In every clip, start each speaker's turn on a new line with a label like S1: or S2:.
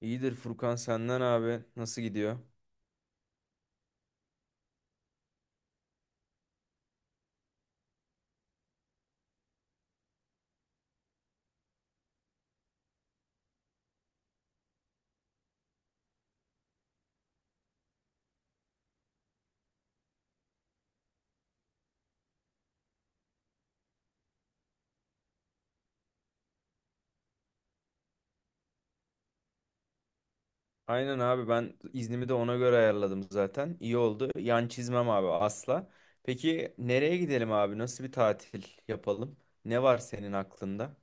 S1: İyidir Furkan senden abi. Nasıl gidiyor? Aynen abi ben iznimi de ona göre ayarladım zaten. İyi oldu. Yan çizmem abi asla. Peki nereye gidelim abi? Nasıl bir tatil yapalım? Ne var senin aklında?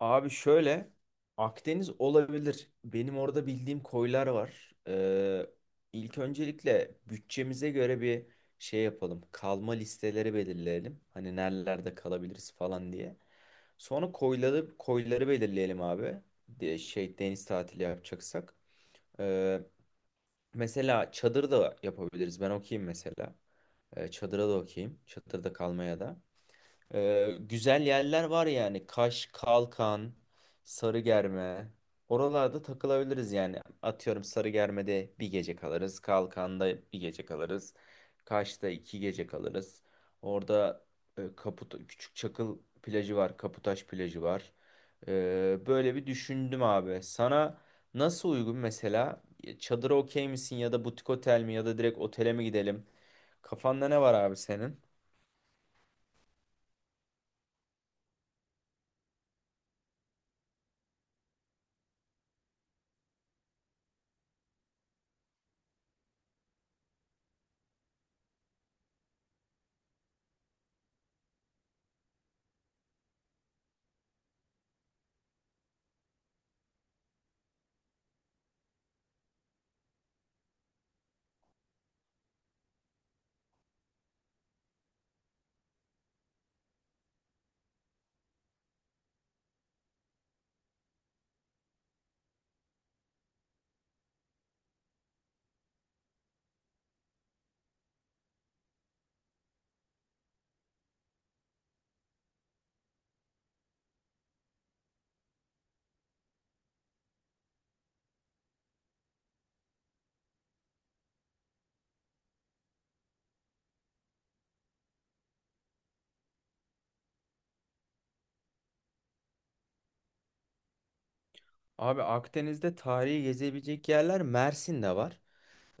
S1: Abi şöyle Akdeniz olabilir. Benim orada bildiğim koylar var. İlk öncelikle bütçemize göre bir şey yapalım. Kalma listeleri belirleyelim. Hani nerelerde kalabiliriz falan diye. Sonra koyları koyları belirleyelim abi. De, şey deniz tatili yapacaksak. Ee, Mesela çadır da yapabiliriz. Ben okuyayım mesela. Çadıra da okuyayım. Çadırda kalmaya da. Güzel yerler var yani. Kaş, Kalkan, Sarıgerme. Oralarda takılabiliriz yani. Atıyorum Sarıgerme'de bir gece kalırız. Kalkan'da bir gece kalırız. Kaş'ta 2 gece kalırız. Orada Kaput Küçük Çakıl plajı var. Kaputaş plajı var. Böyle bir düşündüm abi. Sana nasıl uygun mesela? Çadıra okey misin ya da butik otel mi ya da direkt otele mi gidelim? Kafanda ne var abi senin? Abi Akdeniz'de tarihi gezebilecek yerler Mersin'de var.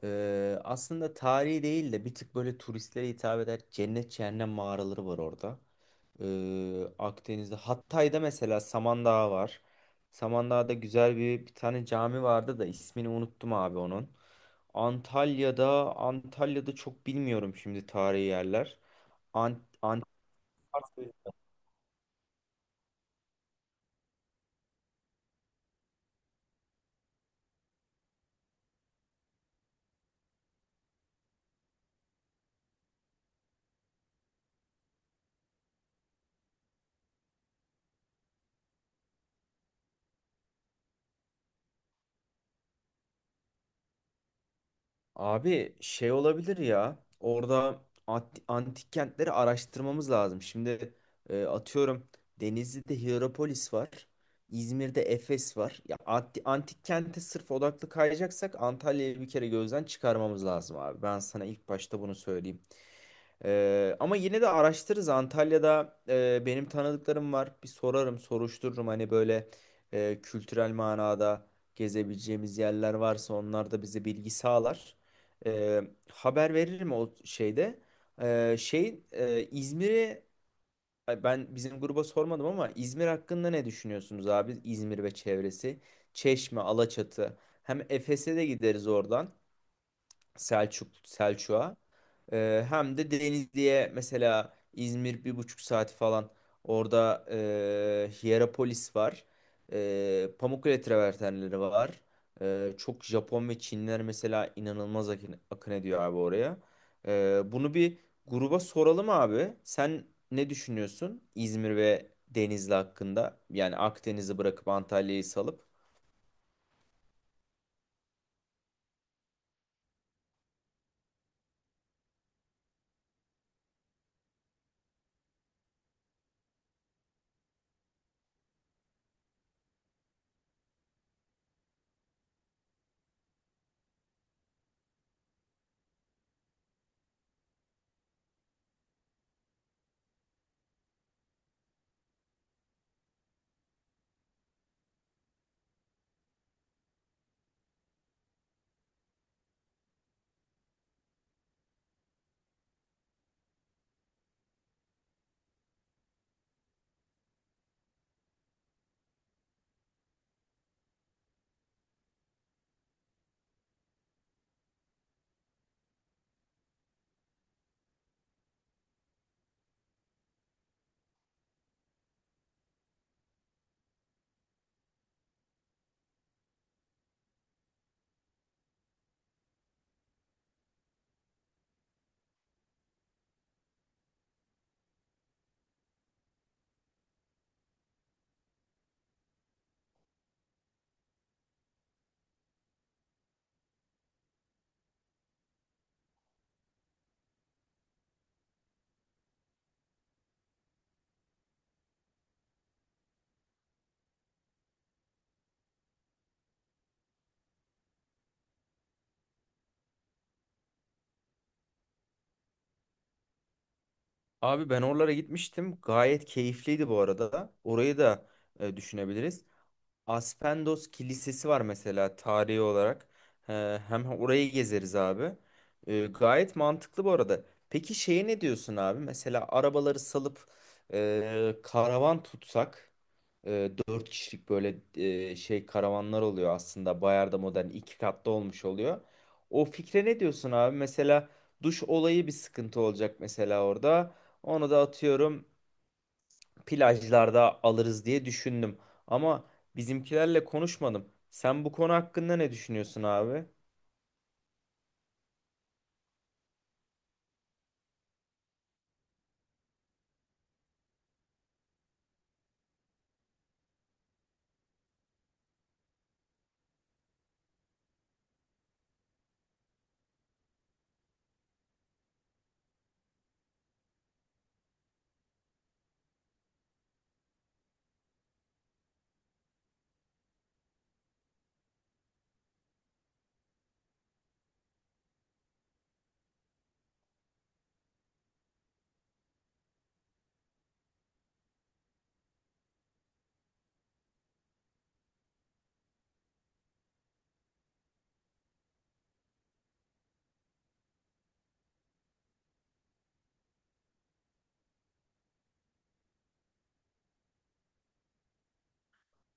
S1: Aslında tarihi değil de bir tık böyle turistlere hitap eder cennet cehennem mağaraları var orada. Akdeniz'de Hatay'da mesela Samandağ var. Samandağ'da güzel bir tane cami vardı da ismini unuttum abi onun. Antalya'da çok bilmiyorum şimdi tarihi yerler. Ant Antikars'a. Abi şey olabilir ya orada antik kentleri araştırmamız lazım. Şimdi atıyorum Denizli'de Hierapolis var. İzmir'de Efes var. Ya antik kente sırf odaklı kayacaksak Antalya'yı bir kere gözden çıkarmamız lazım abi. Ben sana ilk başta bunu söyleyeyim. Ama yine de araştırırız. Antalya'da benim tanıdıklarım var. Bir sorarım, soruştururum. Hani böyle kültürel manada gezebileceğimiz yerler varsa onlar da bize bilgi sağlar. Ee, Haber veririm o şeyde. Şey, İzmir'i ay ben bizim gruba sormadım ama İzmir hakkında ne düşünüyorsunuz abi? İzmir ve çevresi. Çeşme, Alaçatı. Hem Efes'e de gideriz oradan. Selçuk'a. Hem de Denizli'ye mesela İzmir 1,5 saat falan orada Hierapolis var. Pamukkale travertenleri var. Çok Japon ve Çinliler mesela inanılmaz akın, akın ediyor abi oraya. Bunu bir gruba soralım abi. Sen ne düşünüyorsun İzmir ve Denizli hakkında? Yani Akdeniz'i bırakıp Antalya'yı salıp. Abi ben oralara gitmiştim. Gayet keyifliydi bu arada. Orayı da düşünebiliriz. Aspendos Kilisesi var mesela tarihi olarak. Hem orayı gezeriz abi. Gayet mantıklı bu arada. Peki şeye ne diyorsun abi? Mesela arabaları salıp karavan tutsak. Dört kişilik böyle şey karavanlar oluyor aslında. Bayar'da modern iki katlı olmuş oluyor. O fikre ne diyorsun abi? Mesela duş olayı bir sıkıntı olacak mesela orada. Onu da atıyorum plajlarda alırız diye düşündüm. Ama bizimkilerle konuşmadım. Sen bu konu hakkında ne düşünüyorsun abi?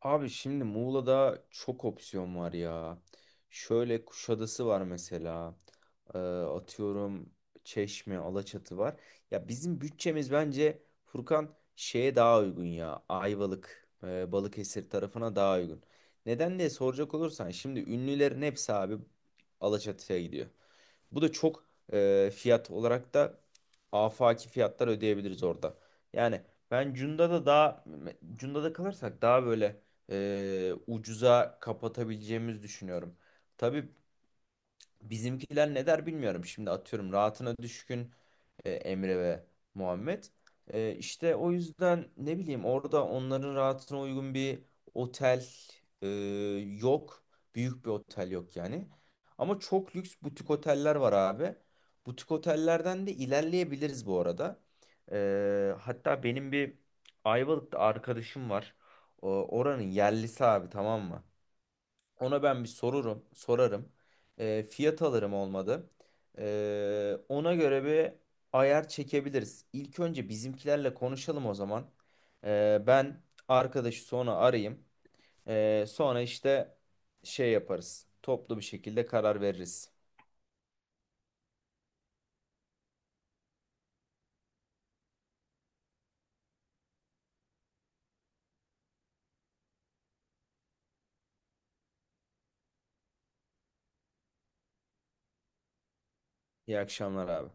S1: Abi şimdi Muğla'da çok opsiyon var ya. Şöyle Kuşadası var mesela. Atıyorum Çeşme, Alaçatı var. Ya bizim bütçemiz bence Furkan şeye daha uygun ya. Ayvalık, Balıkesir tarafına daha uygun. Neden diye soracak olursan şimdi ünlülerin hepsi abi Alaçatı'ya gidiyor. Bu da çok fiyat olarak da afaki fiyatlar ödeyebiliriz orada. Yani ben Cunda'da daha Cunda'da kalırsak daha böyle ucuza kapatabileceğimizi düşünüyorum. Tabii, bizimkiler ne der bilmiyorum. Şimdi atıyorum rahatına düşkün Emre ve Muhammed. İşte o yüzden ne bileyim orada onların rahatına uygun bir otel e, yok. Büyük bir otel yok yani. Ama çok lüks butik oteller var abi. Butik otellerden de ilerleyebiliriz bu arada. Hatta benim bir Ayvalık'ta arkadaşım var. O, oranın yerlisi abi tamam mı? Ona ben bir sorurum, sorarım. Fiyat alırım olmadı. Ona göre bir ayar çekebiliriz. İlk önce bizimkilerle konuşalım o zaman. Ben arkadaşı sonra arayayım. Sonra işte şey yaparız. Toplu bir şekilde karar veririz. İyi akşamlar abi.